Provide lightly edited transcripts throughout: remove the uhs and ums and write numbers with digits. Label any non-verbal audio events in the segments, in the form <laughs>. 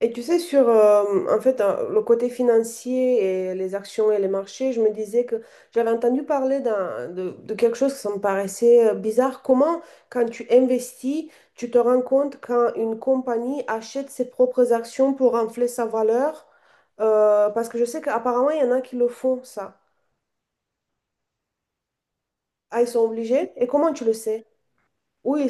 Et tu sais, sur en fait, le côté financier et les actions et les marchés, je me disais que j'avais entendu parler de quelque chose qui me paraissait bizarre. Comment, quand tu investis, tu te rends compte quand une compagnie achète ses propres actions pour infler sa valeur? Parce que je sais qu'apparemment, il y en a qui le font, ça. Ah, ils sont obligés. Et comment tu le sais? Oui,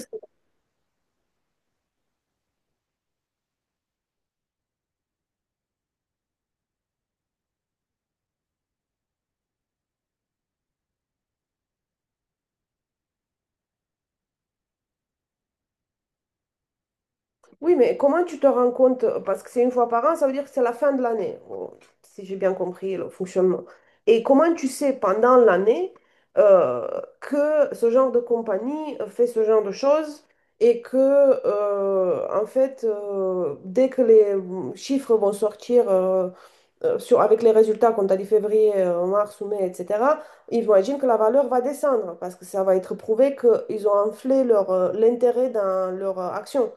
Oui, mais comment tu te rends compte? Parce que c'est une fois par an, ça veut dire que c'est la fin de l'année, oh, si j'ai bien compris le fonctionnement. Et comment tu sais pendant l'année euh, que ce genre de compagnie fait ce genre de choses et que, en fait, dès que les chiffres vont sortir avec les résultats qu'on t'a dit février, mars ou mai, etc., ils vont imaginer que la valeur va descendre parce que ça va être prouvé qu'ils ont enflé leur, l'intérêt dans leur action.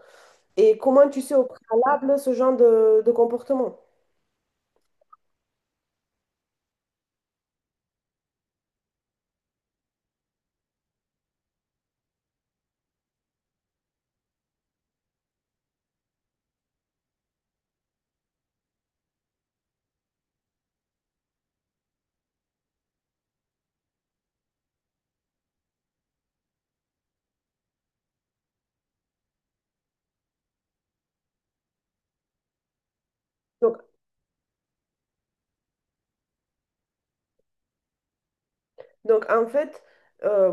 Et comment tu sais au préalable ce genre de comportement? Donc, donc, en fait, euh,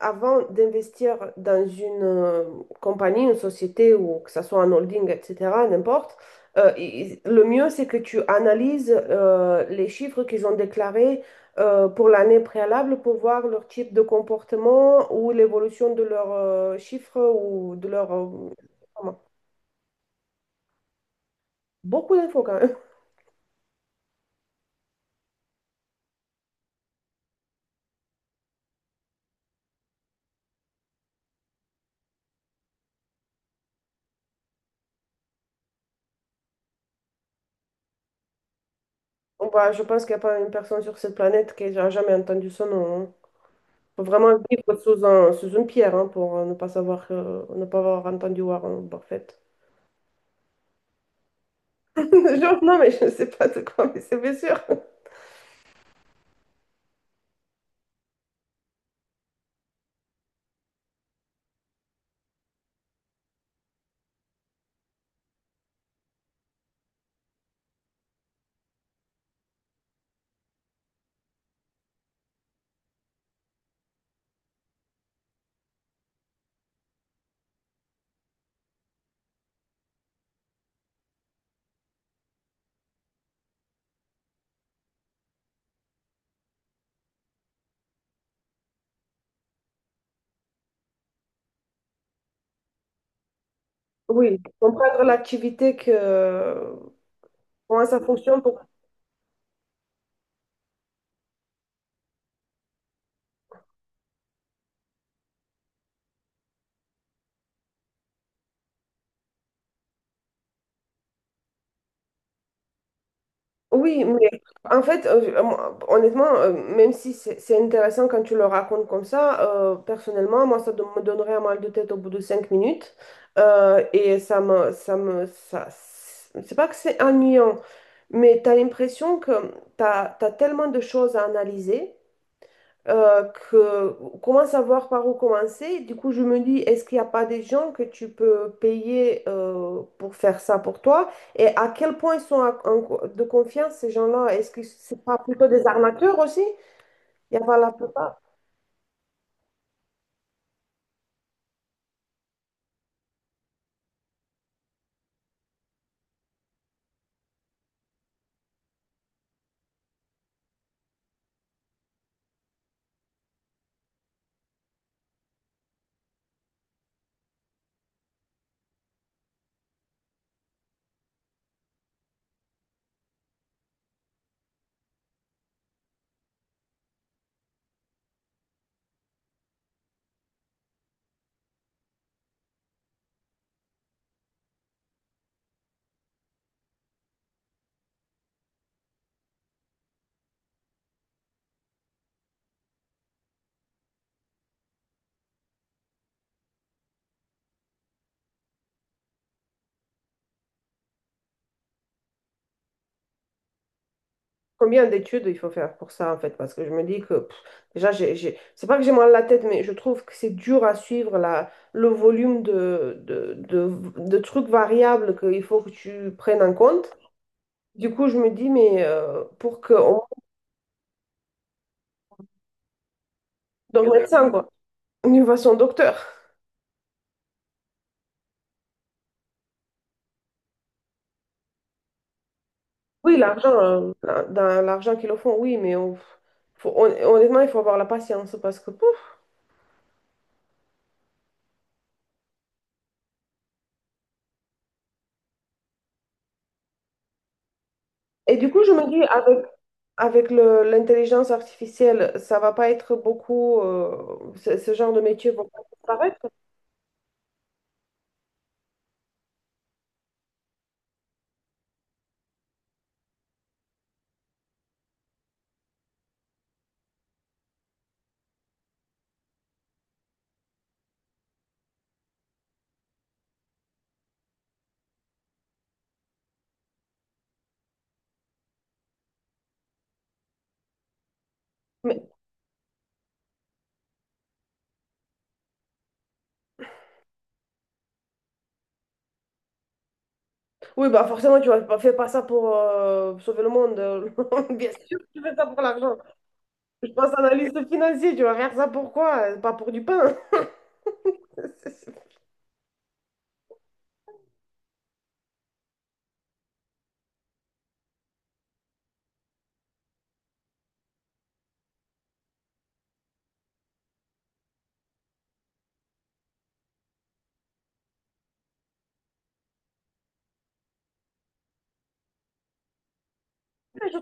avant d'investir dans une compagnie, une société ou que ce soit un holding, etc., n'importe, le mieux c'est que tu analyses les chiffres qu'ils ont déclarés pour l'année préalable pour voir leur type de comportement ou l'évolution de leurs chiffres ou de leur comment. Beaucoup d'infos quand même. Bon, bah, je pense qu'il n'y a pas une personne sur cette planète qui n'a jamais entendu ce nom, hein. Faut vraiment vivre sous une pierre, hein, pour ne pas savoir, ne pas avoir entendu Warren Buffett. <laughs> Genre, non, mais je ne sais pas de quoi, mais c'est bien sûr. Oui, comprendre l'activité que, comment ça fonctionne pour. Oui, mais en fait, moi, honnêtement, même si c'est intéressant quand tu le racontes comme ça, personnellement, moi, ça me donnerait un mal de tête au bout de 5 minutes. Et ça, c'est pas que c'est ennuyant, mais tu as l'impression que tu as tellement de choses à analyser euh, que, comment savoir par où commencer? Du coup, je me dis, est-ce qu'il n'y a pas des gens que tu peux payer pour faire ça pour toi? Et à quel point ils sont de confiance, ces gens-là? Est-ce que c'est pas plutôt des armateurs aussi? Il y a pas la plupart. Combien d'études il faut faire pour ça, en fait? Parce que je me dis que, pff, déjà, c'est pas que j'ai mal à la tête, mais je trouve que c'est dur à suivre le volume de trucs variables qu'il faut que tu prennes en compte. Du coup, je me dis, mais pour qu'on d'un médecin, quoi, une façon docteur. Oui, l'argent, dans l'argent qu'ils le font, oui, mais honnêtement, il faut avoir la patience parce que, pouf. Et du coup, je me dis, avec l'intelligence artificielle, ça va pas être beaucoup, ce genre de métier va pas disparaître. Mais, oui, bah forcément, tu ne fais pas ça pour sauver le monde. <laughs> Bien sûr, que tu fais ça pour l'argent. Je pense analyste financier, tu vas faire ça pour quoi? Pas pour du pain. <laughs> <laughs> Je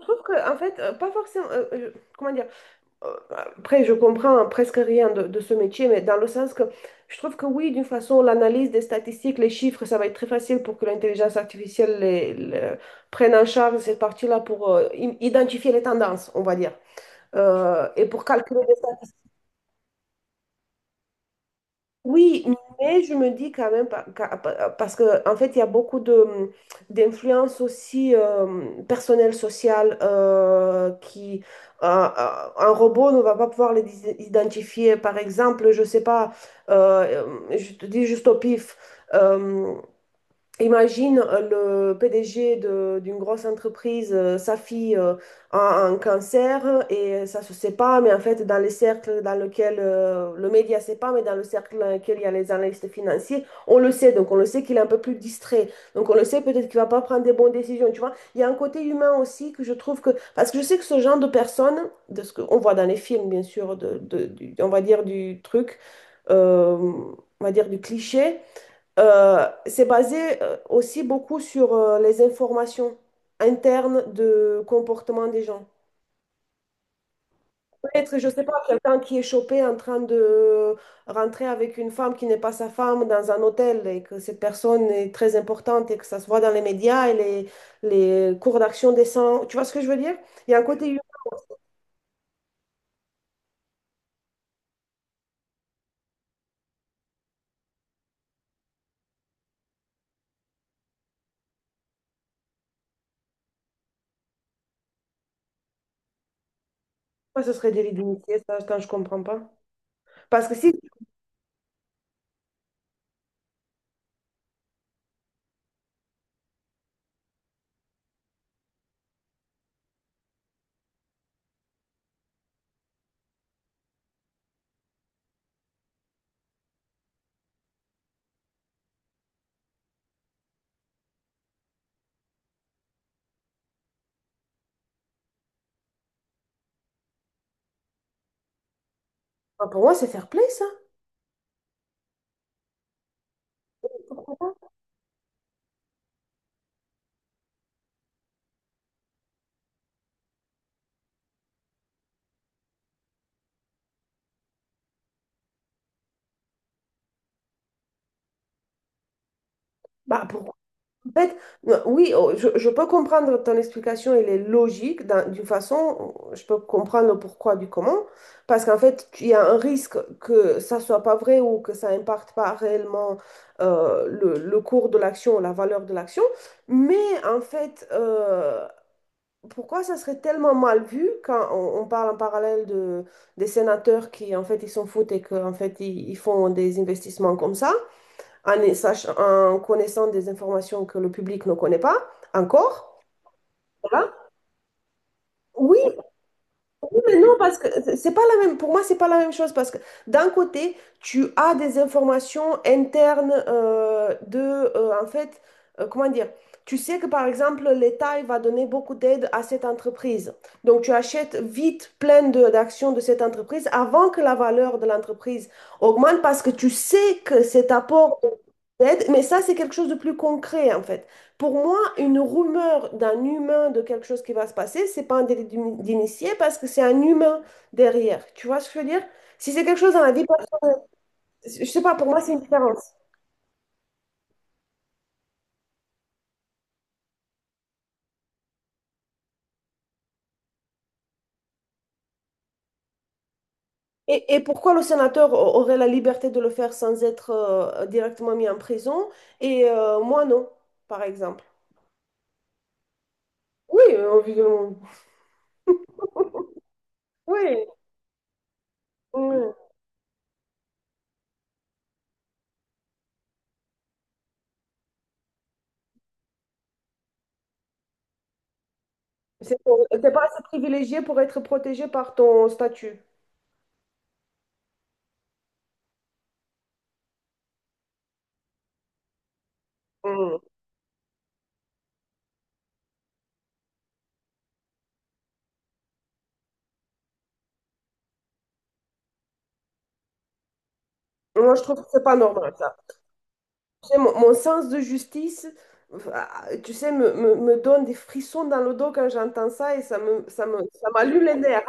trouve que, en fait, pas forcément. Comment dire? Euh, Après, je comprends presque rien de ce métier, mais dans le sens que je trouve que oui, d'une façon, l'analyse des statistiques, les chiffres, ça va être très facile pour que l'intelligence artificielle prenne en charge cette partie-là pour identifier les tendances, on va dire. Et pour calculer des. Oui, mais je me dis quand même, parce que en fait, il y a beaucoup de d'influences aussi personnelles, sociales, qui un robot ne va pas pouvoir les identifier. Par exemple, je sais pas, euh, je te dis juste au pif, euh, imagine le PDG d'une grosse entreprise, sa fille a un cancer et ça se sait pas, mais en fait, dans les cercles dans lesquels le média sait pas, mais dans le cercle dans lequel il y a les analystes financiers, on le sait, donc on le sait qu'il est un peu plus distrait. Donc on le sait peut-être qu'il va pas prendre des bonnes décisions, tu vois. Il y a un côté humain aussi que je trouve que. Parce que je sais que ce genre de personnes, de ce qu'on voit dans les films, bien sûr, on va dire du truc, euh, on va dire du cliché. C'est basé aussi beaucoup sur les informations internes de comportement des gens. Peut-être, je sais pas, quelqu'un qui est chopé en train de rentrer avec une femme qui n'est pas sa femme dans un hôtel et que cette personne est très importante et que ça se voit dans les médias et les cours d'action descendent. Tu vois ce que je veux dire? Il y a un côté humain, ça, ce serait délit d'initié, ça, je comprends pas. Parce que si, pour moi, c'est fair play, ça. Bah, pourquoi? En fait, oui, oh, je peux comprendre ton explication, elle est logique d'une façon, je peux comprendre le pourquoi du comment, parce qu'en fait, il y a un risque que ça soit pas vrai ou que ça impacte pas réellement le cours de l'action, la valeur de l'action, mais en fait, pourquoi ça serait tellement mal vu quand on parle en parallèle des sénateurs qui, en fait, ils s'en foutent et qu'en fait, ils font des investissements comme ça? En connaissant des informations que le public ne connaît pas encore. Voilà. Oui, oui, mais non, parce que c'est pas la même, pour moi, c'est pas la même chose parce que d'un côté, tu as des informations internes en fait, comment dire, tu sais que par exemple, l'État il va donner beaucoup d'aide à cette entreprise. Donc, tu achètes vite plein d'actions de cette entreprise avant que la valeur de l'entreprise augmente parce que tu sais que cet apport d'aide, mais ça, c'est quelque chose de plus concret en fait. Pour moi, une rumeur d'un humain de quelque chose qui va se passer, c'est pas un délit d'initié parce que c'est un humain derrière. Tu vois ce que je veux dire? Si c'est quelque chose dans la vie, je sais pas, pour moi, c'est une différence. Et pourquoi le sénateur aurait la liberté de le faire sans être directement mis en prison et moi non, par exemple? Oui, évidemment. Oui, oui. C'est t'es pas assez privilégié pour être protégé par ton statut. Mm. Moi, je trouve que c'est pas normal. Tu sais, Mon sens de justice, ah, tu sais, me donne des frissons dans le dos quand j'entends ça et ça m'allume les nerfs.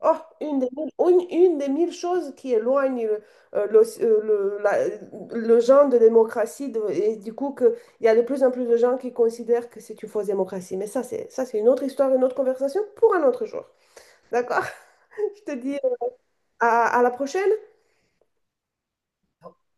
Oh, une des mille choses qui éloigne euh, le, euh, le, la- le genre de démocratie et du coup que il y a de plus en plus de gens qui considèrent que c'est une fausse démocratie. Mais ça, c'est une autre histoire, une autre conversation pour un autre jour. D'accord? <laughs> Je te dis à la prochaine.